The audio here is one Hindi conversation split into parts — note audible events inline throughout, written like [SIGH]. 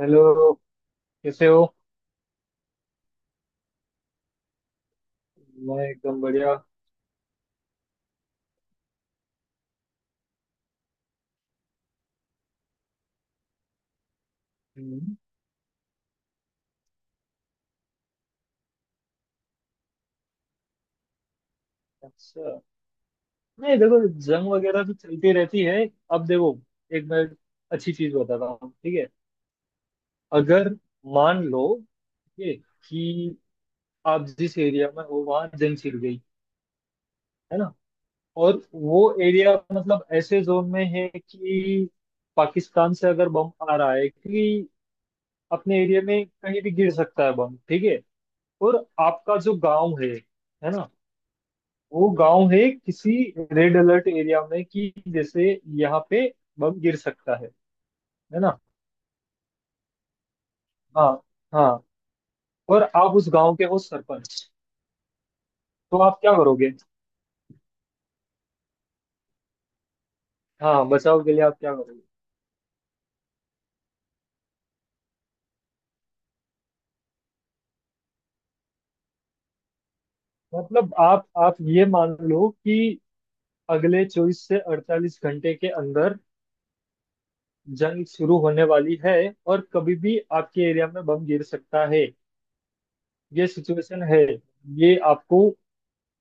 हेलो। कैसे हो? मैं एकदम बढ़िया। हम्म। अच्छा, नहीं देखो, जंग वगैरह तो चलती रहती है। अब देखो, एक मैं अच्छी चीज बताता हूँ, ठीक है? अगर मान लो, ठीक है, कि आप जिस एरिया में हो वहाँ जंग छिड़ गई, है ना? और वो एरिया मतलब ऐसे जोन में है कि पाकिस्तान से अगर बम आ रहा है, कि अपने एरिया में कहीं भी गिर सकता है बम, ठीक है? और आपका जो गांव है ना, वो गांव है किसी रेड अलर्ट एरिया में, कि जैसे यहाँ पे बम गिर सकता है ना। हाँ हाँ। और आप उस गांव के हो सरपंच, तो आप क्या करोगे? हाँ, बचाव के लिए आप क्या करोगे? मतलब आप ये मान लो कि अगले 24 से 48 घंटे के अंदर जंग शुरू होने वाली है, और कभी भी आपके एरिया में बम गिर सकता है। ये सिचुएशन है, ये आपको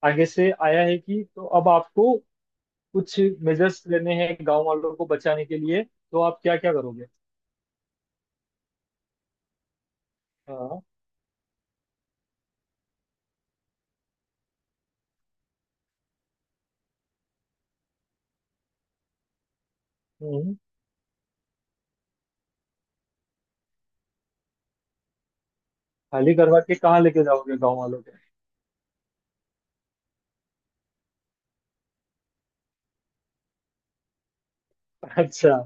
आगे से आया है, कि तो अब आपको कुछ मेजर्स लेने हैं गांव वालों को बचाने के लिए, तो आप क्या क्या करोगे? हाँ। हम्म। खाली करवा के कहाँ लेके जाओगे गांव वालों को? [LAUGHS] अच्छा।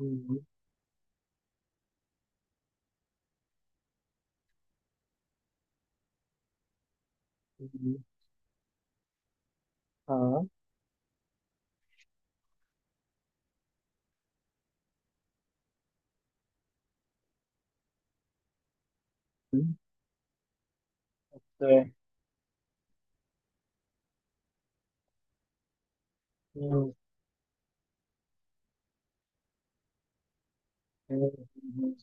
हम्म। हम्म। हाँ। हम्म। तो- हम्म। हम्म। हम्म।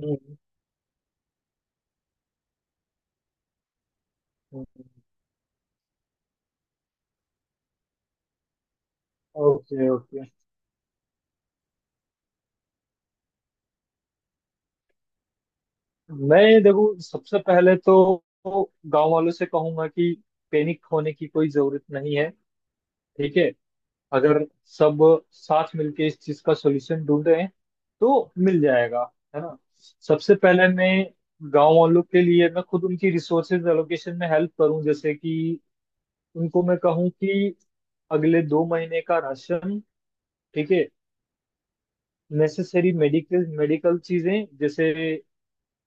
हम्म। हम्म। Okay okay. मैं देखो सबसे पहले तो गांव वालों से कहूंगा कि पैनिक होने की कोई जरूरत नहीं है, ठीक है? अगर सब साथ मिलके इस चीज का सॉल्यूशन ढूंढे तो मिल जाएगा, है ना? सबसे पहले मैं गांव वालों के लिए मैं खुद उनकी रिसोर्सेज एलोकेशन में हेल्प करूं, जैसे कि उनको मैं कहूं कि अगले 2 महीने का राशन, ठीक है, नेसेसरी मेडिकल मेडिकल चीजें, जैसे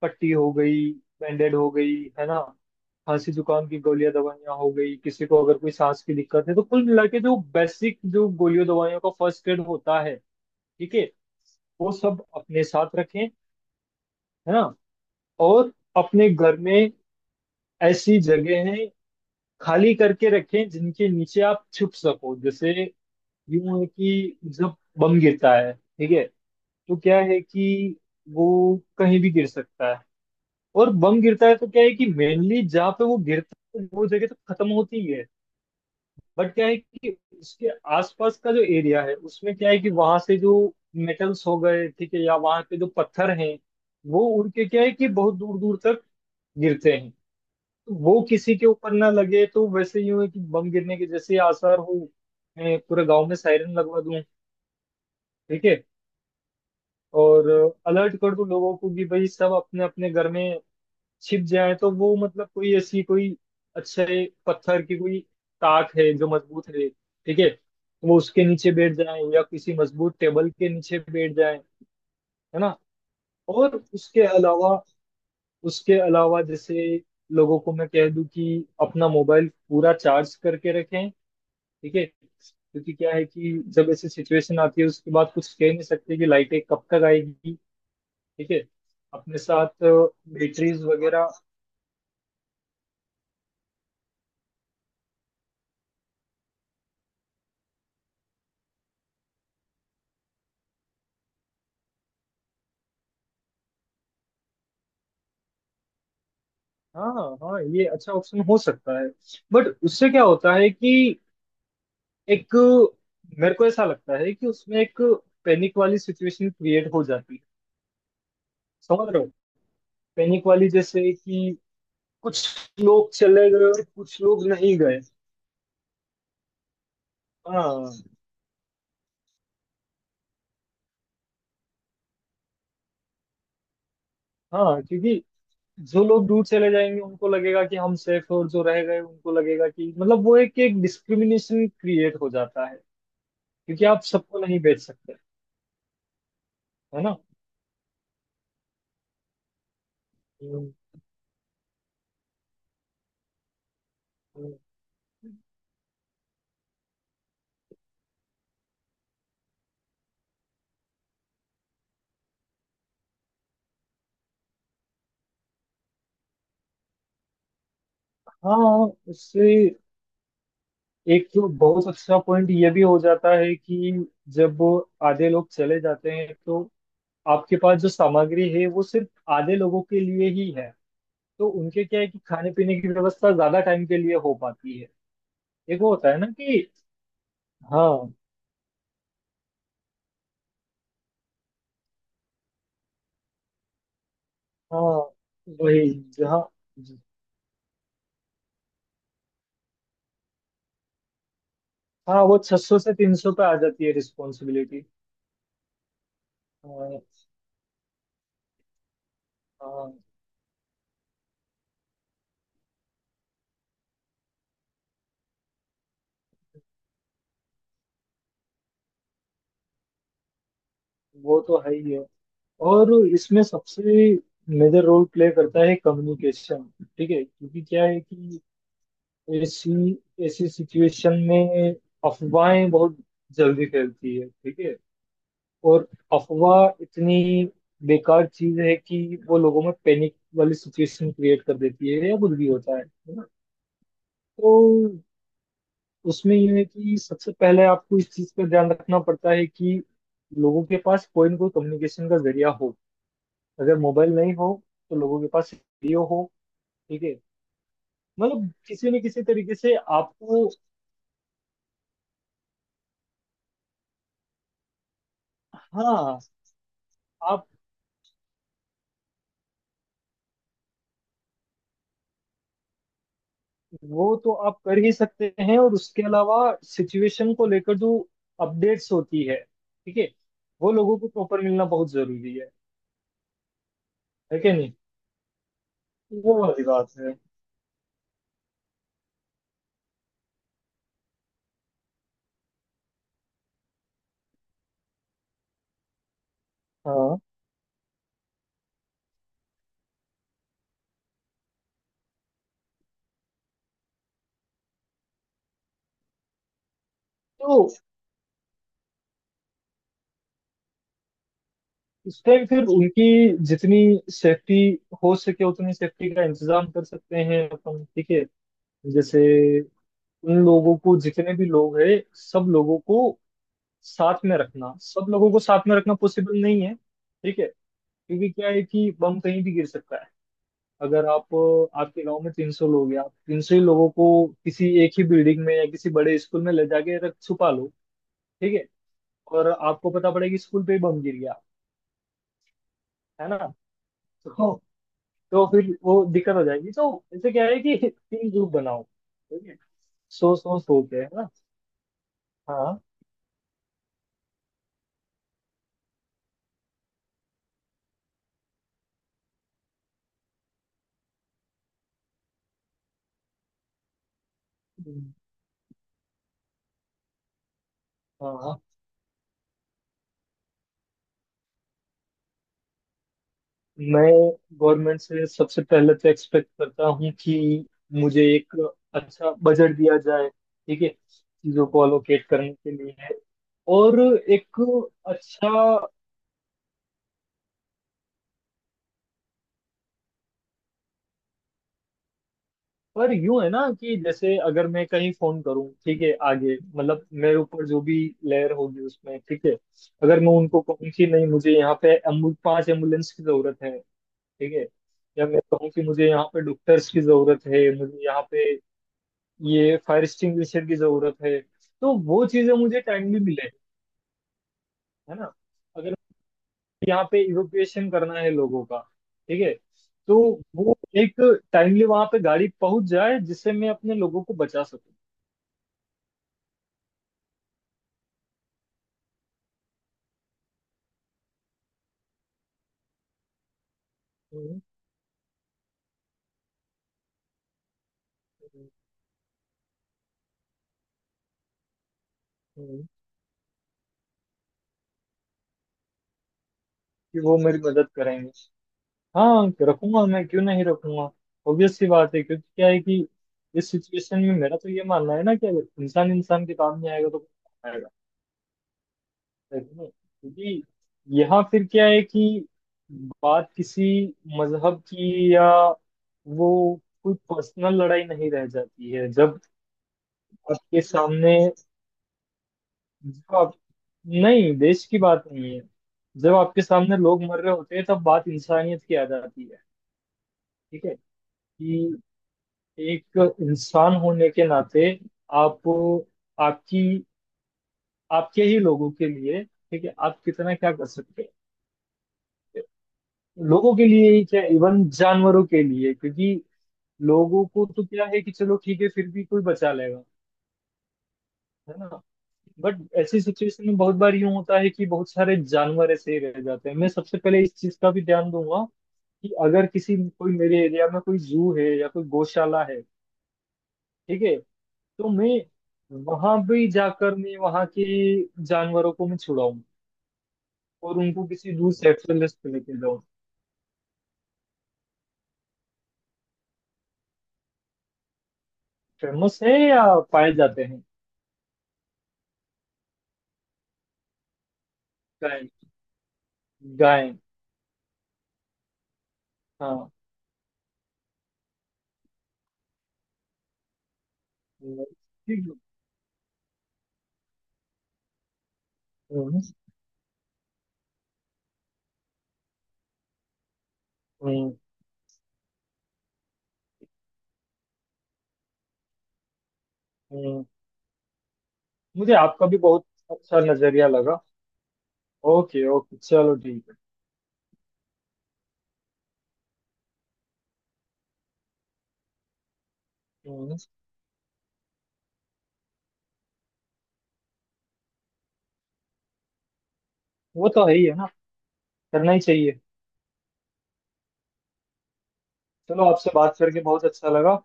पट्टी हो गई, बैंडेड हो गई, है ना? खांसी जुकाम की गोलियां दवाइयां हो गई, किसी को अगर कोई सांस की दिक्कत है, तो कुल मिला के जो बेसिक जो गोलियों दवाइयों का फर्स्ट एड होता है, ठीक है, वो सब अपने साथ रखें, है ना? और अपने घर में ऐसी जगह है खाली करके रखें जिनके नीचे आप छुप सको। जैसे यूं है कि जब बम गिरता है, ठीक है, तो क्या है कि वो कहीं भी गिर सकता है। और बम गिरता है तो क्या है कि मेनली जहाँ पे वो गिरता है, वो जगह तो खत्म होती है। बट क्या है कि उसके आसपास का जो एरिया है, उसमें क्या है कि वहां से जो मेटल्स हो गए, ठीक है, या वहां पे जो पत्थर हैं, वो उड़ के क्या है कि बहुत दूर दूर तक गिरते हैं। तो वो किसी के ऊपर ना लगे, तो वैसे ही हो कि बम गिरने के जैसे आसार हो, मैं पूरे गांव में सायरन लगवा दूं, ठीक है, और अलर्ट कर दूं लोगों को कि भाई सब अपने अपने घर में छिप जाए। तो वो मतलब कोई ऐसी कोई अच्छे पत्थर की कोई ताक है जो मजबूत है, ठीक है, वो उसके नीचे बैठ जाए या किसी मजबूत टेबल के नीचे बैठ जाए, है ना? और उसके अलावा, उसके अलावा जैसे लोगों को मैं कह दूं कि अपना मोबाइल पूरा चार्ज करके रखें, ठीक है, क्योंकि क्या है कि जब ऐसी सिचुएशन आती है उसके बाद कुछ कह नहीं सकते कि लाइटें कब तक आएगी, ठीक है, अपने साथ बैटरीज वगैरह। हाँ हाँ हाँ, ये अच्छा ऑप्शन हो सकता है। बट उससे क्या होता है कि एक, मेरे को ऐसा लगता है कि उसमें एक पैनिक वाली सिचुएशन क्रिएट हो जाती है, समझ रहे हो? पैनिक वाली जैसे कि कुछ लोग चले गए और कुछ लोग नहीं गए। हाँ हाँ। क्योंकि जो लोग दूर चले जाएंगे उनको लगेगा कि हम सेफ हैं, और जो रह गए उनको लगेगा कि मतलब वो, एक एक डिस्क्रिमिनेशन क्रिएट हो जाता है, क्योंकि आप सबको नहीं बेच सकते, है ना? हम्म। हम्म। हाँ, उससे एक तो बहुत अच्छा पॉइंट ये भी हो जाता है कि जब वो आधे लोग चले जाते हैं तो आपके पास जो सामग्री है वो सिर्फ आधे लोगों के लिए ही है, तो उनके क्या है कि खाने पीने की व्यवस्था ज्यादा टाइम के लिए हो पाती है, एक वो होता है ना कि। हाँ हाँ। वही जहाँ। हाँ, वो 600 से 300 पे आ जाती है रिस्पॉन्सिबिलिटी। हाँ हाँ, वो तो है ही है। और इसमें सबसे मेजर रोल प्ले करता है कम्युनिकेशन, ठीक है, क्योंकि क्या है कि ऐसी ऐसी सिचुएशन में अफवाहें बहुत जल्दी फैलती है, ठीक है, और अफवाह इतनी बेकार चीज है कि वो लोगों में पैनिक वाली सिचुएशन क्रिएट कर देती है, या कुछ भी होता है ना? तो उसमें यह है कि सबसे पहले आपको इस चीज पर ध्यान रखना पड़ता है कि लोगों के पास कोई ना कोई कम्युनिकेशन का जरिया हो। अगर मोबाइल नहीं हो, तो लोगों के पास रेडियो हो, ठीक है, मतलब किसी न किसी तरीके से आपको। हाँ। वो तो आप कर ही सकते हैं, और उसके अलावा सिचुएशन को लेकर जो अपडेट्स होती है, ठीक है, वो लोगों को प्रॉपर मिलना बहुत जरूरी है कि नहीं? वो वाली बात है। हाँ, तो उस टाइम फिर उनकी जितनी सेफ्टी हो सके उतनी सेफ्टी का इंतजाम कर सकते हैं अपन, ठीक है, जैसे उन लोगों को जितने भी लोग हैं सब लोगों को साथ में रखना, सब लोगों को साथ में रखना पॉसिबल नहीं है, ठीक है, क्योंकि क्या है कि बम कहीं भी गिर सकता है। अगर आप आपके गांव में 300 लोग हैं, आप 300 ही लोगों को किसी एक ही बिल्डिंग में या किसी बड़े स्कूल में ले जाके रख छुपा लो, ठीक है, और आपको पता पड़ेगा कि स्कूल पे ही बम गिर गया, है ना? तो, तो फिर वो दिक्कत हो जाएगी, तो इससे क्या है कि [LAUGHS] तीन ग्रुप बनाओ, ठीक है, सौ सौ सौ के, है ना? हाँ। हम्म। हाँ, मैं गवर्नमेंट से सबसे पहले तो एक्सपेक्ट करता हूँ कि मुझे एक अच्छा बजट दिया जाए, ठीक है, चीजों को अलोकेट करने के लिए, और एक अच्छा, पर यूं है ना कि जैसे अगर मैं कहीं फोन करूँ, ठीक है, आगे मतलब मेरे ऊपर जो भी लेयर होगी उसमें, ठीक है, अगर मैं उनको कहूँ कि नहीं मुझे यहाँ पे 5 एम्बुलेंस की जरूरत है, ठीक है, या मैं कहूँ कि मुझे यहाँ पे डॉक्टर्स की जरूरत है, मुझे यहाँ पे ये फायर एक्सटिंग्विशर की जरूरत है, तो वो चीजें मुझे टाइमली मिले, है ना? अगर यहाँ पे इवोक्यूएशन करना है लोगों का, ठीक है, तो वो एक टाइमली वहां पे गाड़ी पहुंच जाए जिससे मैं अपने लोगों को बचा सकूं। हम्म। हम्म। हम्म। कि वो मेरी मदद करेंगे। हाँ, रखूंगा, मैं क्यों नहीं रखूंगा? ऑब्वियस सी बात है, क्योंकि क्या है कि इस सिचुएशन में मेरा तो ये मानना है ना कि अगर इंसान इंसान के काम नहीं आएगा तो कौन आएगा? नहीं, क्योंकि यहाँ फिर क्या है कि बात किसी मजहब की, या वो कोई पर्सनल लड़ाई नहीं रह जाती है। जब आपके सामने जब आप नहीं, देश की बात नहीं है। जब आपके सामने लोग मर रहे होते हैं तब बात इंसानियत की आ जाती है, ठीक है, कि एक इंसान होने के नाते आप, आपकी, आपके ही लोगों के लिए, ठीक है, आप कितना क्या कर सकते हैं। लोगों के लिए ही क्या, इवन जानवरों के लिए, क्योंकि लोगों को तो क्या है कि चलो ठीक है फिर भी कोई बचा लेगा, है ना? बट ऐसी सिचुएशन में बहुत बार यूं होता है कि बहुत सारे जानवर ऐसे ही रह जाते हैं, मैं सबसे पहले इस चीज का भी ध्यान दूंगा कि अगर किसी कोई मेरे एरिया में कोई जू है या कोई गौशाला है, ठीक है, तो मैं वहां भी जाकर मैं वहां के जानवरों को मैं छुड़ाऊं और उनको किसी दूर सेफ्टी लिस्ट पे लेके जाऊं। फेमस है, या पाए जाते हैं? गाय। गाय। हाँ, ठीक है। हम्म। हम्म। हम्म। मुझे आपका भी बहुत अच्छा नजरिया लगा। ओके ओके चलो ठीक है। हम्म। वो तो है ही है ना, करना ही चाहिए। चलो आपसे बात करके बहुत अच्छा लगा।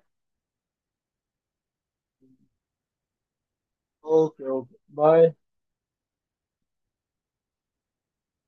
Okay okay bye.